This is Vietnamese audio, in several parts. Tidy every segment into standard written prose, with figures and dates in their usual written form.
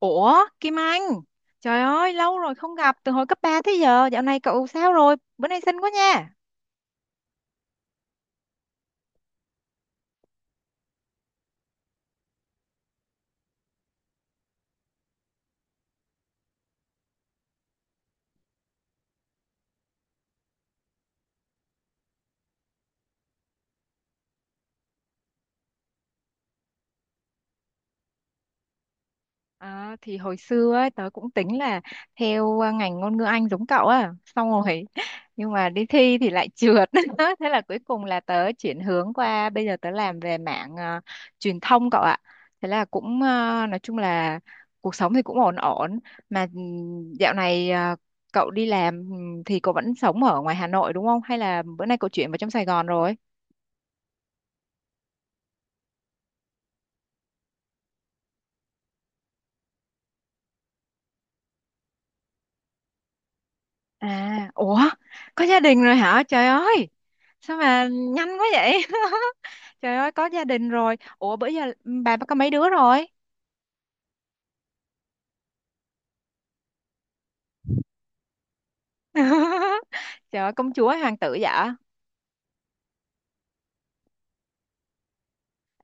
Ủa, Kim Anh, trời ơi, lâu rồi không gặp, từ hồi cấp 3 tới giờ, dạo này cậu sao rồi? Bữa nay xinh quá nha. À, thì hồi xưa ấy, tớ cũng tính là theo ngành ngôn ngữ Anh giống cậu á xong rồi nhưng mà đi thi thì lại trượt. Thế là cuối cùng là tớ chuyển hướng qua bây giờ tớ làm về mảng truyền thông cậu ạ. Thế là cũng nói chung là cuộc sống thì cũng ổn ổn mà dạo này cậu đi làm, thì cậu vẫn sống ở ngoài Hà Nội đúng không, hay là bữa nay cậu chuyển vào trong Sài Gòn rồi? À, ủa, có gia đình rồi hả? Trời ơi, sao mà nhanh quá vậy? Trời ơi, có gia đình rồi. Ủa, bữa giờ bà có mấy đứa rồi? Trời ơi, công chúa hoàng tử dạ.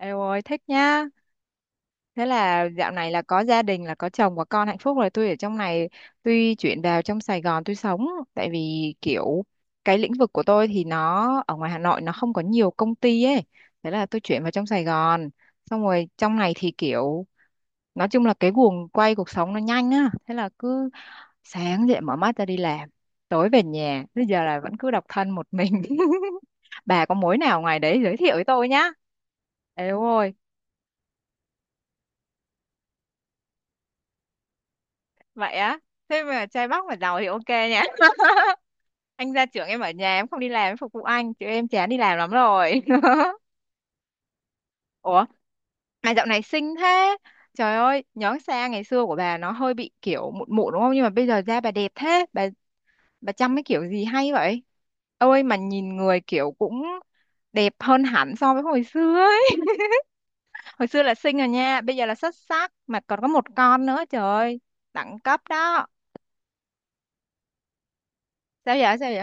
Eo ơi, thích nha. Thế là dạo này là có gia đình, là có chồng và con hạnh phúc rồi. Tôi ở trong này, tuy chuyển vào trong Sài Gòn tôi sống. Tại vì kiểu cái lĩnh vực của tôi thì nó ở ngoài Hà Nội nó không có nhiều công ty ấy. Thế là tôi chuyển vào trong Sài Gòn. Xong rồi trong này thì kiểu nói chung là cái guồng quay cuộc sống nó nhanh á, thế là cứ sáng dậy mở mắt ra đi làm, tối về nhà, bây giờ là vẫn cứ độc thân một mình. Bà có mối nào ngoài đấy giới thiệu với tôi nhá. Ê ôi, vậy á? Thế mà trai Bắc mà giàu thì ok nhá. Anh gia trưởng em ở nhà em không đi làm em phục vụ anh chứ em chán đi làm lắm rồi. Ủa, mà dạo này xinh thế, trời ơi, nhớ xa ngày xưa của bà nó hơi bị kiểu mụn mụn đúng không, nhưng mà bây giờ da bà đẹp thế bà chăm cái kiểu gì hay vậy? Ôi mà nhìn người kiểu cũng đẹp hơn hẳn so với hồi xưa ấy, hồi xưa là xinh rồi nha, bây giờ là xuất sắc mà còn có một con nữa, trời ơi, đẳng cấp đó. Sao vậy, sao vậy?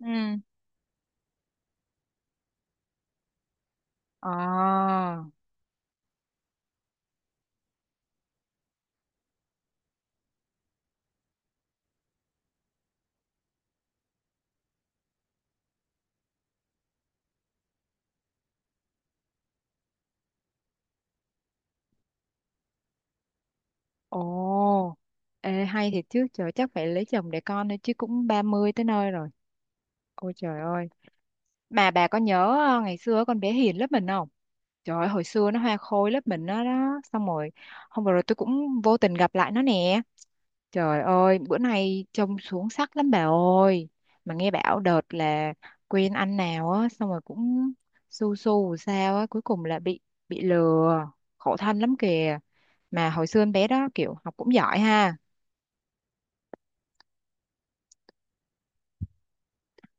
Ừ. Ờ. Ồ. Ê hay thiệt chứ trời, chắc phải lấy chồng để con thôi chứ cũng 30 tới nơi rồi. Ôi trời ơi, mà bà có nhớ ngày xưa con bé Hiền lớp mình không? Trời ơi, hồi xưa nó hoa khôi lớp mình đó, đó. Xong rồi hôm vừa rồi tôi cũng vô tình gặp lại nó nè. Trời ơi bữa nay trông xuống sắc lắm bà ơi. Mà nghe bảo đợt là quen anh nào á, xong rồi cũng su su sao á, cuối cùng là bị lừa. Khổ thân lắm kìa. Mà hồi xưa em bé đó kiểu học cũng giỏi ha.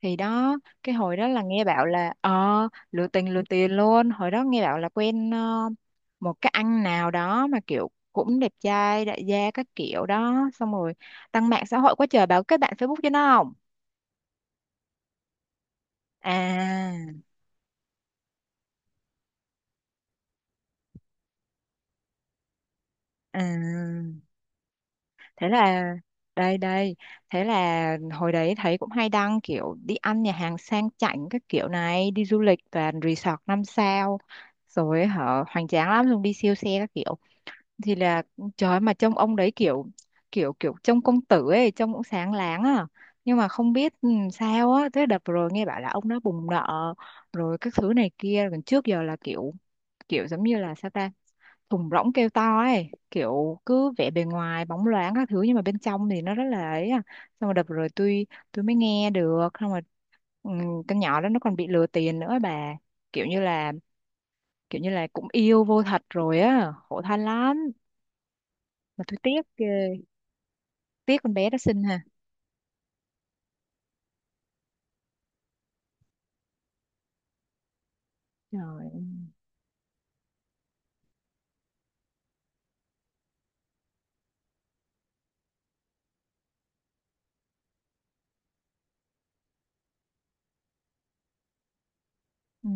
Thì đó, cái hồi đó là nghe bảo là lừa tình lừa tiền luôn, hồi đó nghe bảo là quen một cái anh nào đó mà kiểu cũng đẹp trai đại gia các kiểu đó, xong rồi đăng mạng xã hội quá trời, bảo kết bạn Facebook cho nó không. À, à, thế là đây đây, thế là hồi đấy thấy cũng hay đăng kiểu đi ăn nhà hàng sang chảnh các kiểu này, đi du lịch toàn resort 5 sao rồi hở, hoành tráng lắm luôn, đi siêu xe các kiểu. Thì là trời ơi, mà trông ông đấy kiểu kiểu kiểu trông công tử ấy, trông cũng sáng láng à, nhưng mà không biết sao á, thế đợt rồi nghe bảo là ông đã bùng nợ rồi các thứ này kia. Còn trước giờ là kiểu kiểu giống như là sao ta, thùng rỗng kêu to ấy, kiểu cứ vẻ bề ngoài bóng loáng các thứ nhưng mà bên trong thì nó rất là ấy à. Xong rồi đợt rồi tôi mới nghe được. Xong rồi ừ, con nhỏ đó nó còn bị lừa tiền nữa bà, kiểu như là kiểu như là cũng yêu vô thật rồi á, khổ thân lắm mà tôi tiếc ghê, tiếc con bé đó xinh ha. Trời, ừ.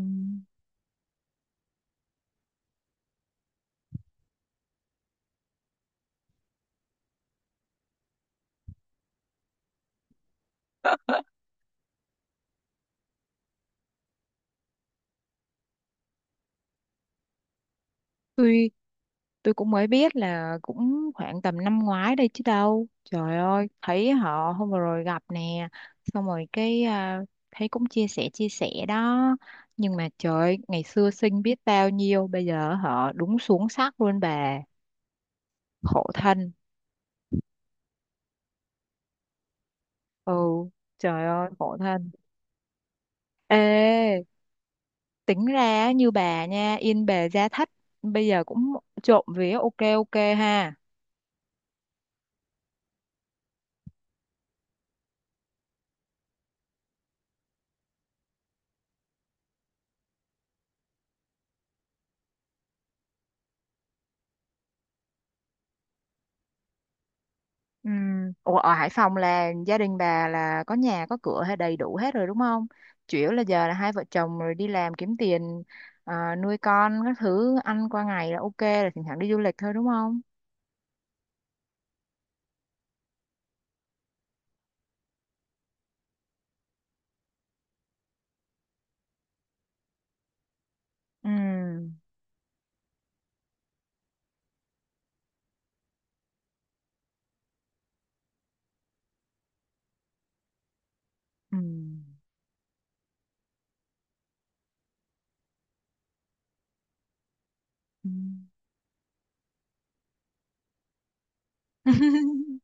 tôi tôi cũng mới biết là cũng khoảng tầm năm ngoái đây chứ đâu, trời ơi, thấy họ hôm vừa rồi gặp nè, xong rồi cái thấy cũng chia sẻ đó, nhưng mà trời ơi, ngày xưa xinh biết bao nhiêu bây giờ họ đúng xuống sắc luôn bà, khổ thân. Ừ, trời ơi khổ thân. Ê, tính ra như bà nha, yên bề gia thất, bây giờ cũng trộm vía, ok ok ha. Ừ. Ủa ở Hải Phòng là gia đình bà là có nhà có cửa hay đầy đủ hết rồi đúng không? Chủ yếu là giờ là hai vợ chồng rồi đi làm kiếm tiền, nuôi con các thứ, ăn qua ngày là ok, là thỉnh thoảng đi du lịch thôi đúng không? Ừ. Ừ. Ừ.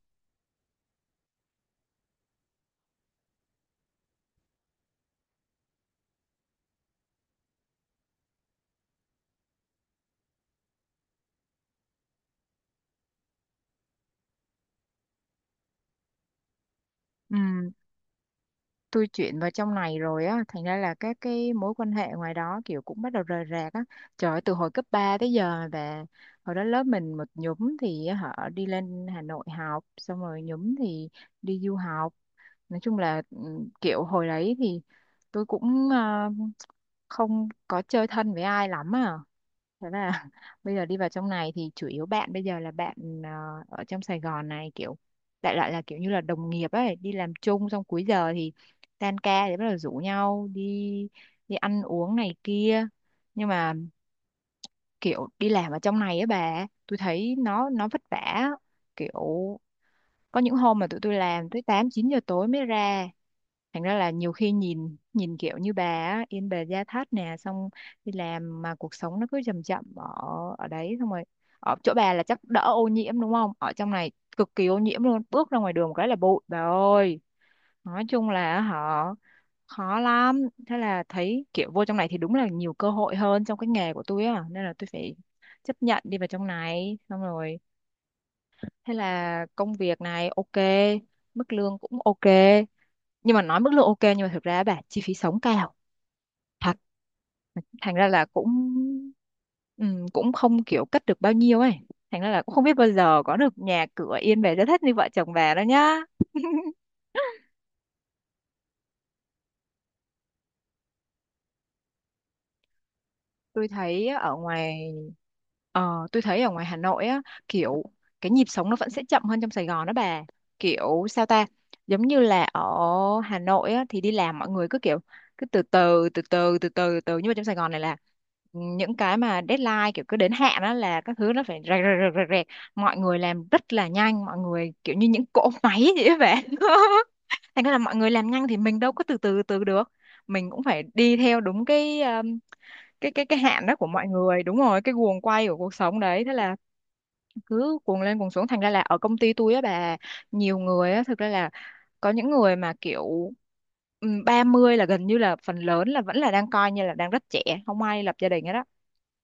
Ừ. Tôi chuyển vào trong này rồi á, thành ra là các cái mối quan hệ ngoài đó kiểu cũng bắt đầu rời rạc á, trời ơi, từ hồi cấp 3 tới giờ về. Hồi đó lớp mình một nhúm thì họ đi lên Hà Nội học, xong rồi nhúm thì đi du học. Nói chung là kiểu hồi đấy thì tôi cũng không có chơi thân với ai lắm à. Thế là bây giờ đi vào trong này thì chủ yếu bạn bây giờ là bạn ờ, ở trong Sài Gòn này, kiểu đại loại là kiểu như là đồng nghiệp ấy, đi làm chung xong cuối giờ thì tan ca thì bắt đầu rủ nhau đi đi ăn uống này kia. Nhưng mà kiểu đi làm ở trong này á bà, tôi thấy nó vất vả, kiểu có những hôm mà tụi tôi làm tới 8 9 giờ tối mới ra. Thành ra là nhiều khi nhìn nhìn kiểu như bà á, Yên Bề Gia Thất nè, xong đi làm mà cuộc sống nó cứ chậm chậm ở ở đấy. Xong rồi ở chỗ bà là chắc đỡ ô nhiễm đúng không, ở trong này cực kỳ ô nhiễm luôn, bước ra ngoài đường một cái là bụi bà ơi, nói chung là họ khó lắm. Thế là thấy kiểu vô trong này thì đúng là nhiều cơ hội hơn trong cái nghề của tôi á, nên là tôi phải chấp nhận đi vào trong này. Xong rồi thế là công việc này ok, mức lương cũng ok, nhưng mà nói mức lương ok nhưng mà thực ra á bà, chi phí sống cao thật, thành ra là cũng cũng không kiểu cất được bao nhiêu ấy, thành ra là cũng không biết bao giờ có được nhà cửa yên về rất thất như vợ chồng bà đó nhá. Tôi thấy á, ở ngoài tôi thấy ở ngoài Hà Nội á, kiểu cái nhịp sống nó vẫn sẽ chậm hơn trong Sài Gòn đó bà, kiểu sao ta, giống như là ở Hà Nội á thì đi làm mọi người cứ kiểu cứ từ từ từ từ từ từ từ, nhưng mà trong Sài Gòn này là những cái mà deadline kiểu cứ đến hạn đó là các thứ nó phải rẹt rẹt rẹt rẹt rẹt. Mọi người làm rất là nhanh, mọi người kiểu như những cỗ máy vậy á bạn. Thành ra là mọi người làm nhanh thì mình đâu có từ từ từ được, mình cũng phải đi theo đúng cái hạn đó của mọi người, đúng rồi, cái guồng quay của cuộc sống đấy. Thế là cứ cuồng lên cuồng xuống, thành ra là ở công ty tôi á bà, nhiều người á thực ra là có những người mà kiểu 30 là gần như là phần lớn là vẫn là đang coi như là đang rất trẻ, không ai lập gia đình hết đó.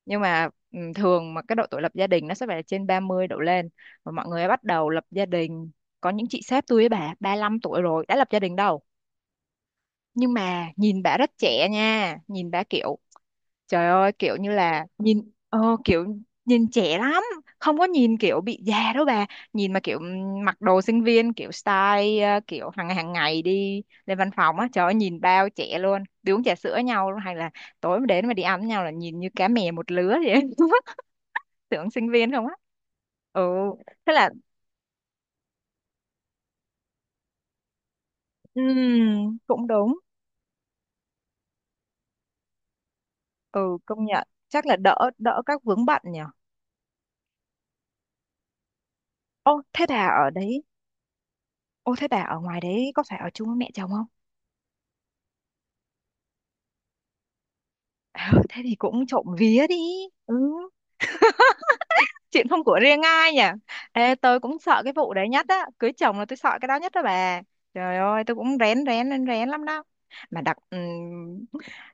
Nhưng mà thường mà cái độ tuổi lập gia đình nó sẽ phải trên 30 đổ lên, và mọi người bắt đầu lập gia đình. Có những chị sếp tôi ấy bà 35 tuổi rồi đã lập gia đình đâu, nhưng mà nhìn bà rất trẻ nha, nhìn bà kiểu trời ơi kiểu như là nhìn kiểu nhìn trẻ lắm, không có nhìn kiểu bị già đâu bà. Nhìn mà kiểu mặc đồ sinh viên kiểu style kiểu hàng hàng ngày đi lên văn phòng á, trời ơi nhìn bao trẻ luôn, đi uống trà sữa nhau luôn, hay là tối mà đến mà đi ăn với nhau là nhìn như cá mè một lứa vậy. Tưởng sinh viên không á. Ừ, thế là cũng đúng. Ừ công nhận chắc là đỡ đỡ các vướng bận nhỉ. Ô thế bà ở đấy, ô thế bà ở ngoài đấy có phải ở chung với mẹ chồng không? Ờ, thế thì cũng trộm vía đi. Ừ, chuyện không của riêng ai nhỉ. Ê, tôi cũng sợ cái vụ đấy nhất á, cưới chồng là tôi sợ cái đó nhất đó bà, trời ơi tôi cũng rén rén rén rén lắm đó. Mà đặc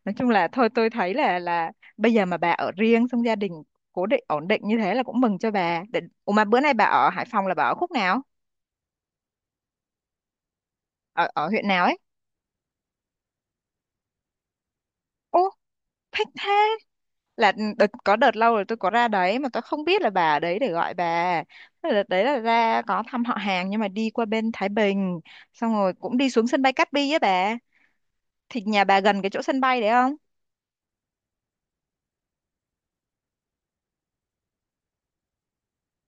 nói chung là thôi, tôi thấy là bây giờ mà bà ở riêng xong gia đình cố định ổn định như thế là cũng mừng cho bà để. Ủa mà bữa nay bà ở Hải Phòng là bà ở khúc nào, ở ở huyện nào ấy? Ô thích thế, là đợt, có đợt lâu rồi tôi có ra đấy mà tôi không biết là bà ở đấy để gọi bà. Thế là đợt đấy là ra có thăm họ hàng nhưng mà đi qua bên Thái Bình, xong rồi cũng đi xuống sân bay Cát Bi á bà, thì nhà bà gần cái chỗ sân bay đấy không?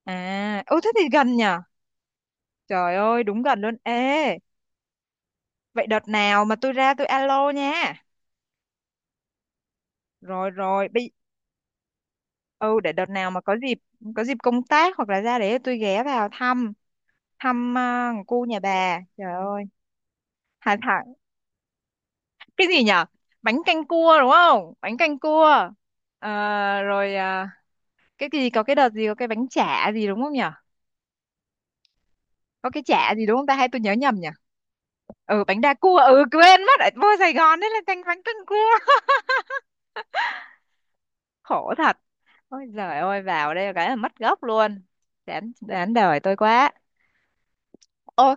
À, ô thế thì gần nhở, trời ơi đúng gần luôn. Ê vậy đợt nào mà tôi ra tôi alo nha. Rồi rồi bây, ừ để đợt nào mà có dịp, có dịp công tác hoặc là ra đấy tôi ghé vào thăm, thăm cô nhà bà, trời ơi. Hai cái gì nhở? Bánh canh cua đúng không, bánh canh cua? Ờ, rồi cái gì có cái đợt gì có cái bánh chả gì đúng không nhở? Có cái chả gì đúng không ta hay tôi nhớ nhầm nhở? Ừ bánh đa cua, ừ quên mất ở vô Sài Gòn đấy là canh bánh canh cua. Khổ thật, ôi giời ơi vào đây cái là mất gốc luôn, đáng đáng đời tôi quá. Ô,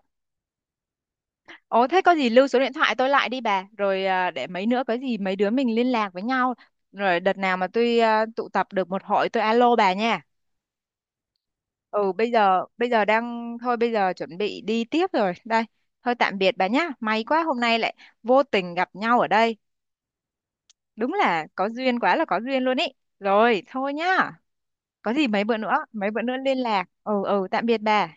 ô thế có gì lưu số điện thoại tôi lại đi bà, rồi để mấy nữa có gì mấy đứa mình liên lạc với nhau. Rồi đợt nào mà tôi tụ tập được một hội tôi alo bà nha. Ừ bây giờ đang thôi, bây giờ chuẩn bị đi tiếp rồi đây. Thôi tạm biệt bà nhá, may quá hôm nay lại vô tình gặp nhau ở đây, đúng là có duyên, quá là có duyên luôn ý. Rồi thôi nhá, có gì mấy bữa nữa liên lạc. Ừ, ừ, tạm biệt bà.